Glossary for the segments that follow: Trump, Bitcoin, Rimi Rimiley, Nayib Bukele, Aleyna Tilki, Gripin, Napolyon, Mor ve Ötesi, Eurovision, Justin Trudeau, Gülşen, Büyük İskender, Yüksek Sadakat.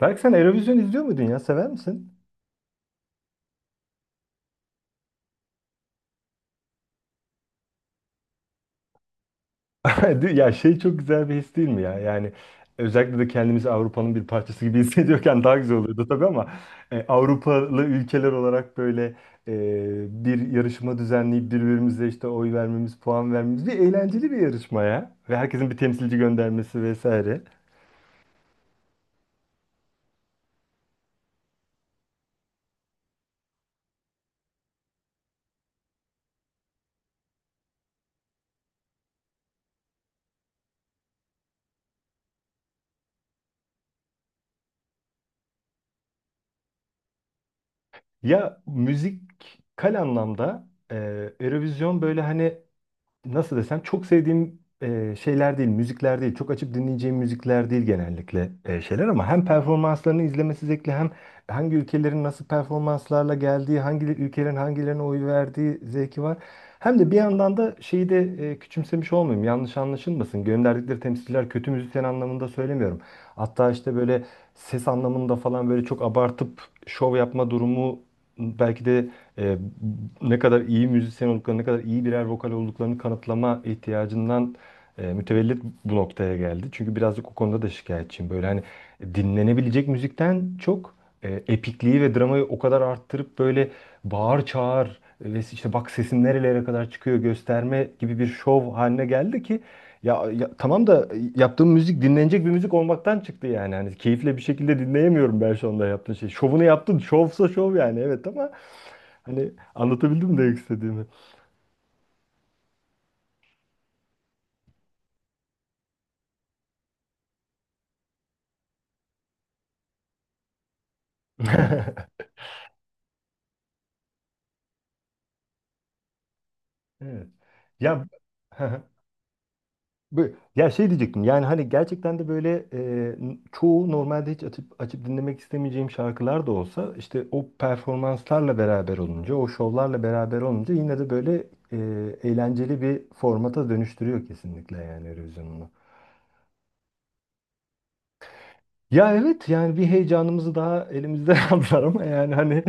Belki sen Eurovision izliyor muydun ya? Sever misin? Ya şey çok güzel bir his değil mi ya? Yani özellikle de kendimizi Avrupa'nın bir parçası gibi hissediyorken daha güzel oluyordu tabii ama Avrupalı ülkeler olarak böyle bir yarışma düzenleyip birbirimize işte oy vermemiz, puan vermemiz bir eğlenceli bir yarışma ya. Ve herkesin bir temsilci göndermesi vesaire. Ya müzikal anlamda Eurovision böyle hani nasıl desem çok sevdiğim şeyler değil, müzikler değil. Çok açıp dinleyeceğim müzikler değil genellikle şeyler ama hem performanslarını izlemesi zevkli hem hangi ülkelerin nasıl performanslarla geldiği, hangi ülkelerin hangilerine oy verdiği zevki var. Hem de bir yandan da şeyi de küçümsemiş olmayayım. Yanlış anlaşılmasın. Gönderdikleri temsilciler kötü müzisyen anlamında söylemiyorum. Hatta işte böyle ses anlamında falan böyle çok abartıp şov yapma durumu belki de e, ne kadar iyi müzisyen olduklarını, ne kadar iyi birer vokal olduklarını kanıtlama ihtiyacından mütevellit bu noktaya geldi. Çünkü birazcık o konuda da şikayetçiyim. Böyle hani dinlenebilecek müzikten çok epikliği ve dramayı o kadar arttırıp böyle bağır çağır ve işte bak sesim nerelere kadar çıkıyor gösterme gibi bir şov haline geldi ki ya, ya tamam da yaptığım müzik dinlenecek bir müzik olmaktan çıktı yani. Hani keyifle bir şekilde dinleyemiyorum ben şu anda yaptığım şey. Şovunu yaptın. Şovsa şov yani evet ama hani anlatabildim mi demek istediğimi? Evet. Ya bu- ya şey diyecektim. Yani hani gerçekten de böyle çoğu normalde hiç açıp açıp dinlemek istemeyeceğim şarkılar da olsa işte o performanslarla beraber olunca, o şovlarla beraber olunca yine de böyle e, eğlenceli bir formata dönüştürüyor kesinlikle yani Eurovision'u. Ya evet yani bir heyecanımızı daha elimizden aldılar ama yani hani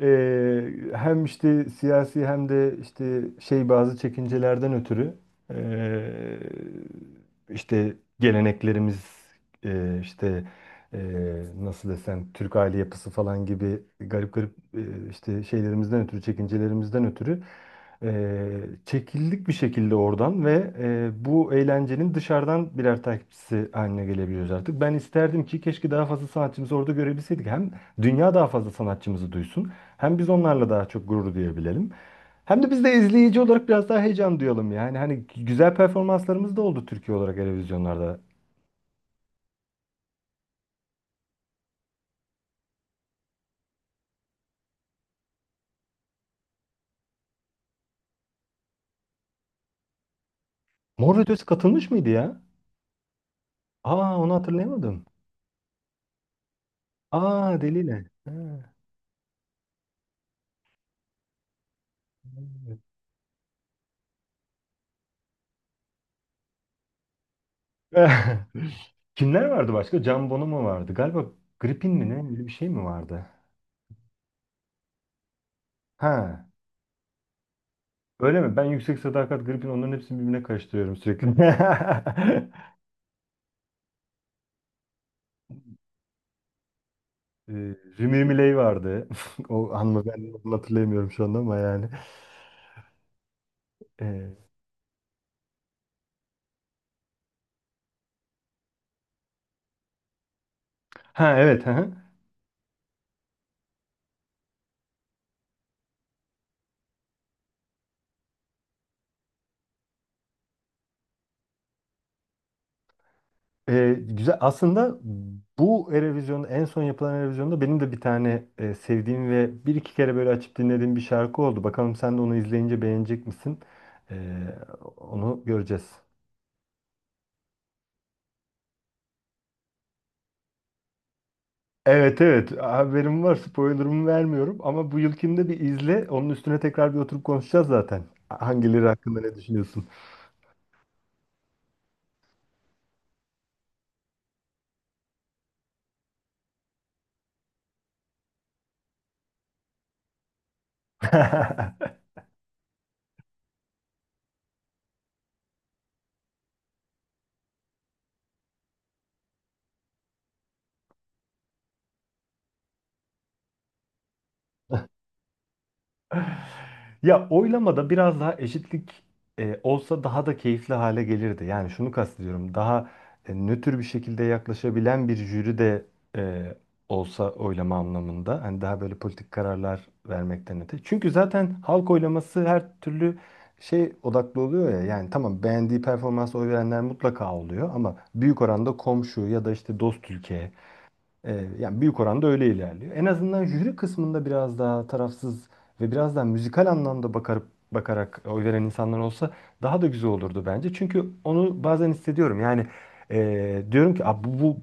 hem işte siyasi hem de işte şey bazı çekincelerden ötürü e, işte geleneklerimiz işte e, nasıl desem Türk aile yapısı falan gibi garip garip işte şeylerimizden ötürü çekincelerimizden ötürü çekildik bir şekilde oradan ve bu eğlencenin dışarıdan birer takipçisi haline gelebiliyoruz artık. Ben isterdim ki keşke daha fazla sanatçımızı orada görebilseydik. Hem dünya daha fazla sanatçımızı duysun, hem biz onlarla daha çok gurur duyabilelim. Hem de biz de izleyici olarak biraz daha heyecan duyalım yani. Hani güzel performanslarımız da oldu Türkiye olarak televizyonlarda. Mor ve Ötesi katılmış mıydı ya? Aa onu hatırlayamadım. Aa Deliyle. Ha. Kimler vardı başka? Can Bono mu vardı? Galiba Gripin mi ne? Öyle bir şey mi vardı? Ha. Öyle mi? Ben Yüksek Sadakat Gripin onların hepsini birbirine karıştırıyorum sürekli. Ee, Rimi Rimiley vardı. O hanımefendinin adını hatırlayamıyorum şu anda ama yani. Ee, ha evet. Hı hı. Güzel. Aslında bu Eurovision'da en son yapılan Eurovision'da benim de bir tane sevdiğim ve bir iki kere böyle açıp dinlediğim bir şarkı oldu. Bakalım sen de onu izleyince beğenecek misin? Ee, onu göreceğiz. Evet evet, haberim var, spoilerımı vermiyorum ama bu yılkinde bir izle, onun üstüne tekrar bir oturup konuşacağız zaten. Hangileri hakkında ne düşünüyorsun? Ya, oylamada biraz daha eşitlik olsa daha da keyifli hale gelirdi. Yani şunu kastediyorum. Daha nötr bir şekilde yaklaşabilen bir jüri de e, olsa oylama anlamında. Hani daha böyle politik kararlar vermekten öte. Çünkü zaten halk oylaması her türlü şey odaklı oluyor ya. Yani tamam, beğendiği performansa oy verenler mutlaka oluyor ama büyük oranda komşu ya da işte dost ülke yani büyük oranda öyle ilerliyor. En azından jüri kısmında biraz daha tarafsız ve biraz daha müzikal anlamda bakar, bakarak oy veren insanlar olsa daha da güzel olurdu bence. Çünkü onu bazen hissediyorum. Yani diyorum ki "Aa, bu, bu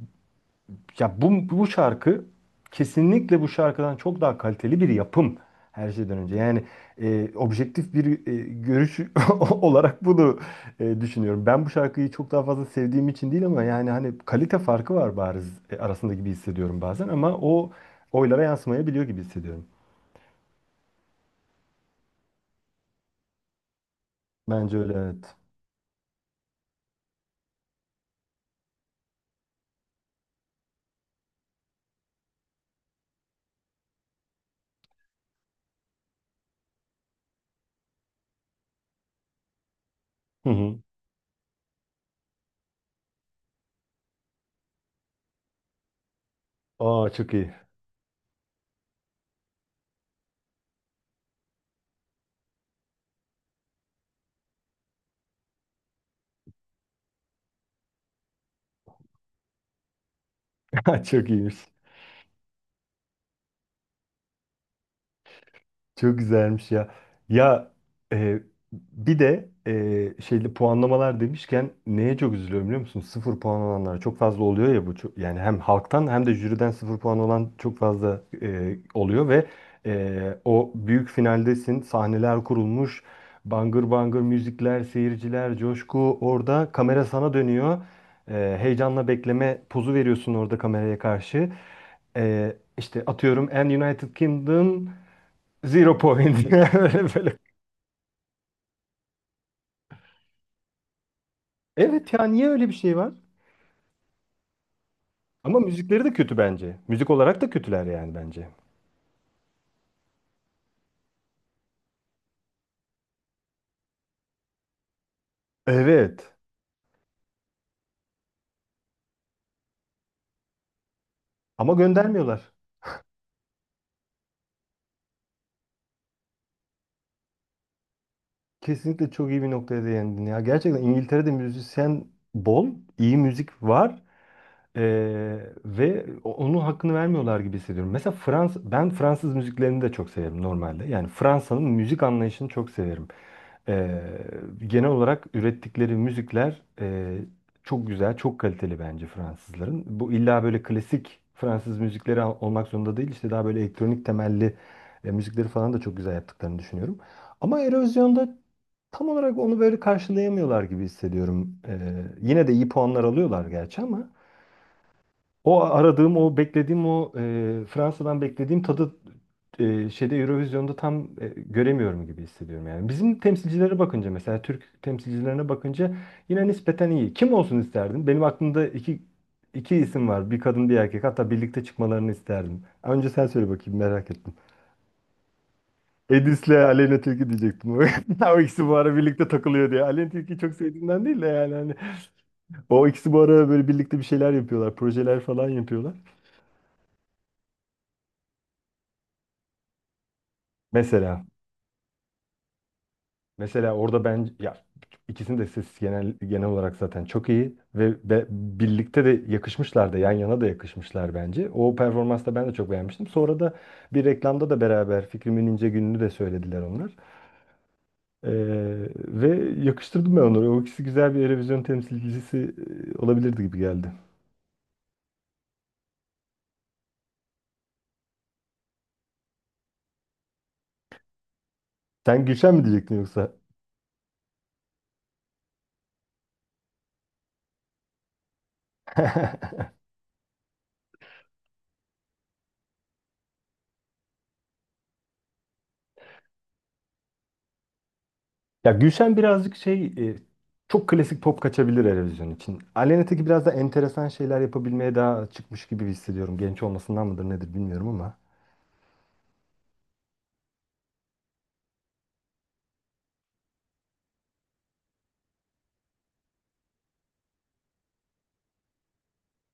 ya bu, bu şarkı kesinlikle bu şarkıdan çok daha kaliteli bir yapım her şeyden önce. Yani objektif bir görüş olarak bunu düşünüyorum. Ben bu şarkıyı çok daha fazla sevdiğim için değil ama yani hani kalite farkı var bariz arasında gibi hissediyorum bazen ama o oylara yansımayabiliyor gibi hissediyorum. Bence öyle, evet. Hı hı. Aa, çok iyi. Çok iyiymiş. Çok güzelmiş ya. Ya e, bir de şeyli puanlamalar demişken neye çok üzülüyorum biliyor musun? Sıfır puan olanlar çok fazla oluyor ya bu. Çok, yani hem halktan hem de jüriden sıfır puan olan çok fazla oluyor ve e, o büyük finaldesin. Sahneler kurulmuş. Bangır bangır müzikler, seyirciler, coşku. Orada kamera sana dönüyor. E, heyecanla bekleme pozu veriyorsun orada kameraya karşı. E, işte atıyorum, and United Kingdom, zero point. Böyle böyle. Evet ya, niye öyle bir şey var? Ama müzikleri de kötü bence. Müzik olarak da kötüler yani bence. Evet. Ama göndermiyorlar. Kesinlikle çok iyi bir noktaya değindin ya. Gerçekten İngiltere'de müzisyen bol, iyi müzik var. Ee, ve onun hakkını vermiyorlar gibi hissediyorum. Mesela Frans, ben Fransız müziklerini de çok severim normalde. Yani Fransa'nın müzik anlayışını çok severim. Ee, genel olarak ürettikleri müzikler çok güzel, çok kaliteli bence Fransızların. Bu illa böyle klasik Fransız müzikleri olmak zorunda değil. İşte daha böyle elektronik temelli müzikleri falan da çok güzel yaptıklarını düşünüyorum. Ama Erozyon'da tam olarak onu böyle karşılayamıyorlar gibi hissediyorum. Yine de iyi puanlar alıyorlar gerçi ama. O aradığım, o beklediğim, o Fransa'dan beklediğim tadı şeyde Eurovision'da tam göremiyorum gibi hissediyorum yani. Bizim temsilcilere bakınca, mesela Türk temsilcilerine bakınca yine nispeten iyi. Kim olsun isterdin? Benim aklımda iki isim var. Bir kadın, bir erkek. Hatta birlikte çıkmalarını isterdim. Önce sen söyle bakayım, merak ettim. Edis'le Aleyna Tilki diyecektim. O ikisi bu ara birlikte takılıyor diye. Aleyna Tilki'yi çok sevdiğimden değil de yani hani o ikisi bu ara böyle birlikte bir şeyler yapıyorlar, projeler falan yapıyorlar. Mesela. Mesela orada ben ya ikisinin de sesi genel olarak zaten çok iyi ve birlikte de yakışmışlar da, yan yana da yakışmışlar bence. O performansı da ben de çok beğenmiştim. Sonra da bir reklamda da beraber Fikrimin İnce Günü'nü de söylediler onlar. Ve yakıştırdım ben onları. O ikisi güzel bir Eurovision temsilcisi olabilirdi gibi geldi. Sen Gülşen mi diyecektin yoksa? Ya Gülşen birazcık şey çok klasik pop kaçabilir Eurovision için. Aleyna Tilki biraz da enteresan şeyler yapabilmeye daha çıkmış gibi hissediyorum. Genç olmasından mıdır nedir bilmiyorum ama.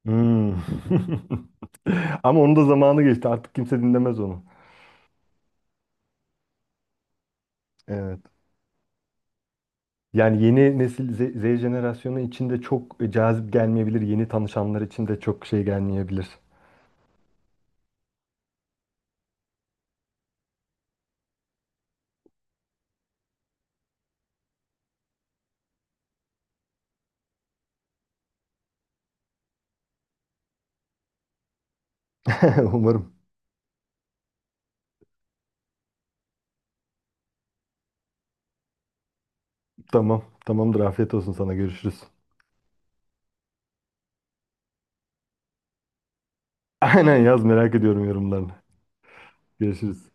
Hmm. Ama onun da zamanı geçti. Artık kimse dinlemez onu. Evet. Yani yeni nesil Z jenerasyonu için de çok cazip gelmeyebilir. Yeni tanışanlar için de çok şey gelmeyebilir. Umarım. Tamam. Tamamdır. Afiyet olsun sana. Görüşürüz. Aynen yaz, merak ediyorum yorumlarını. Görüşürüz.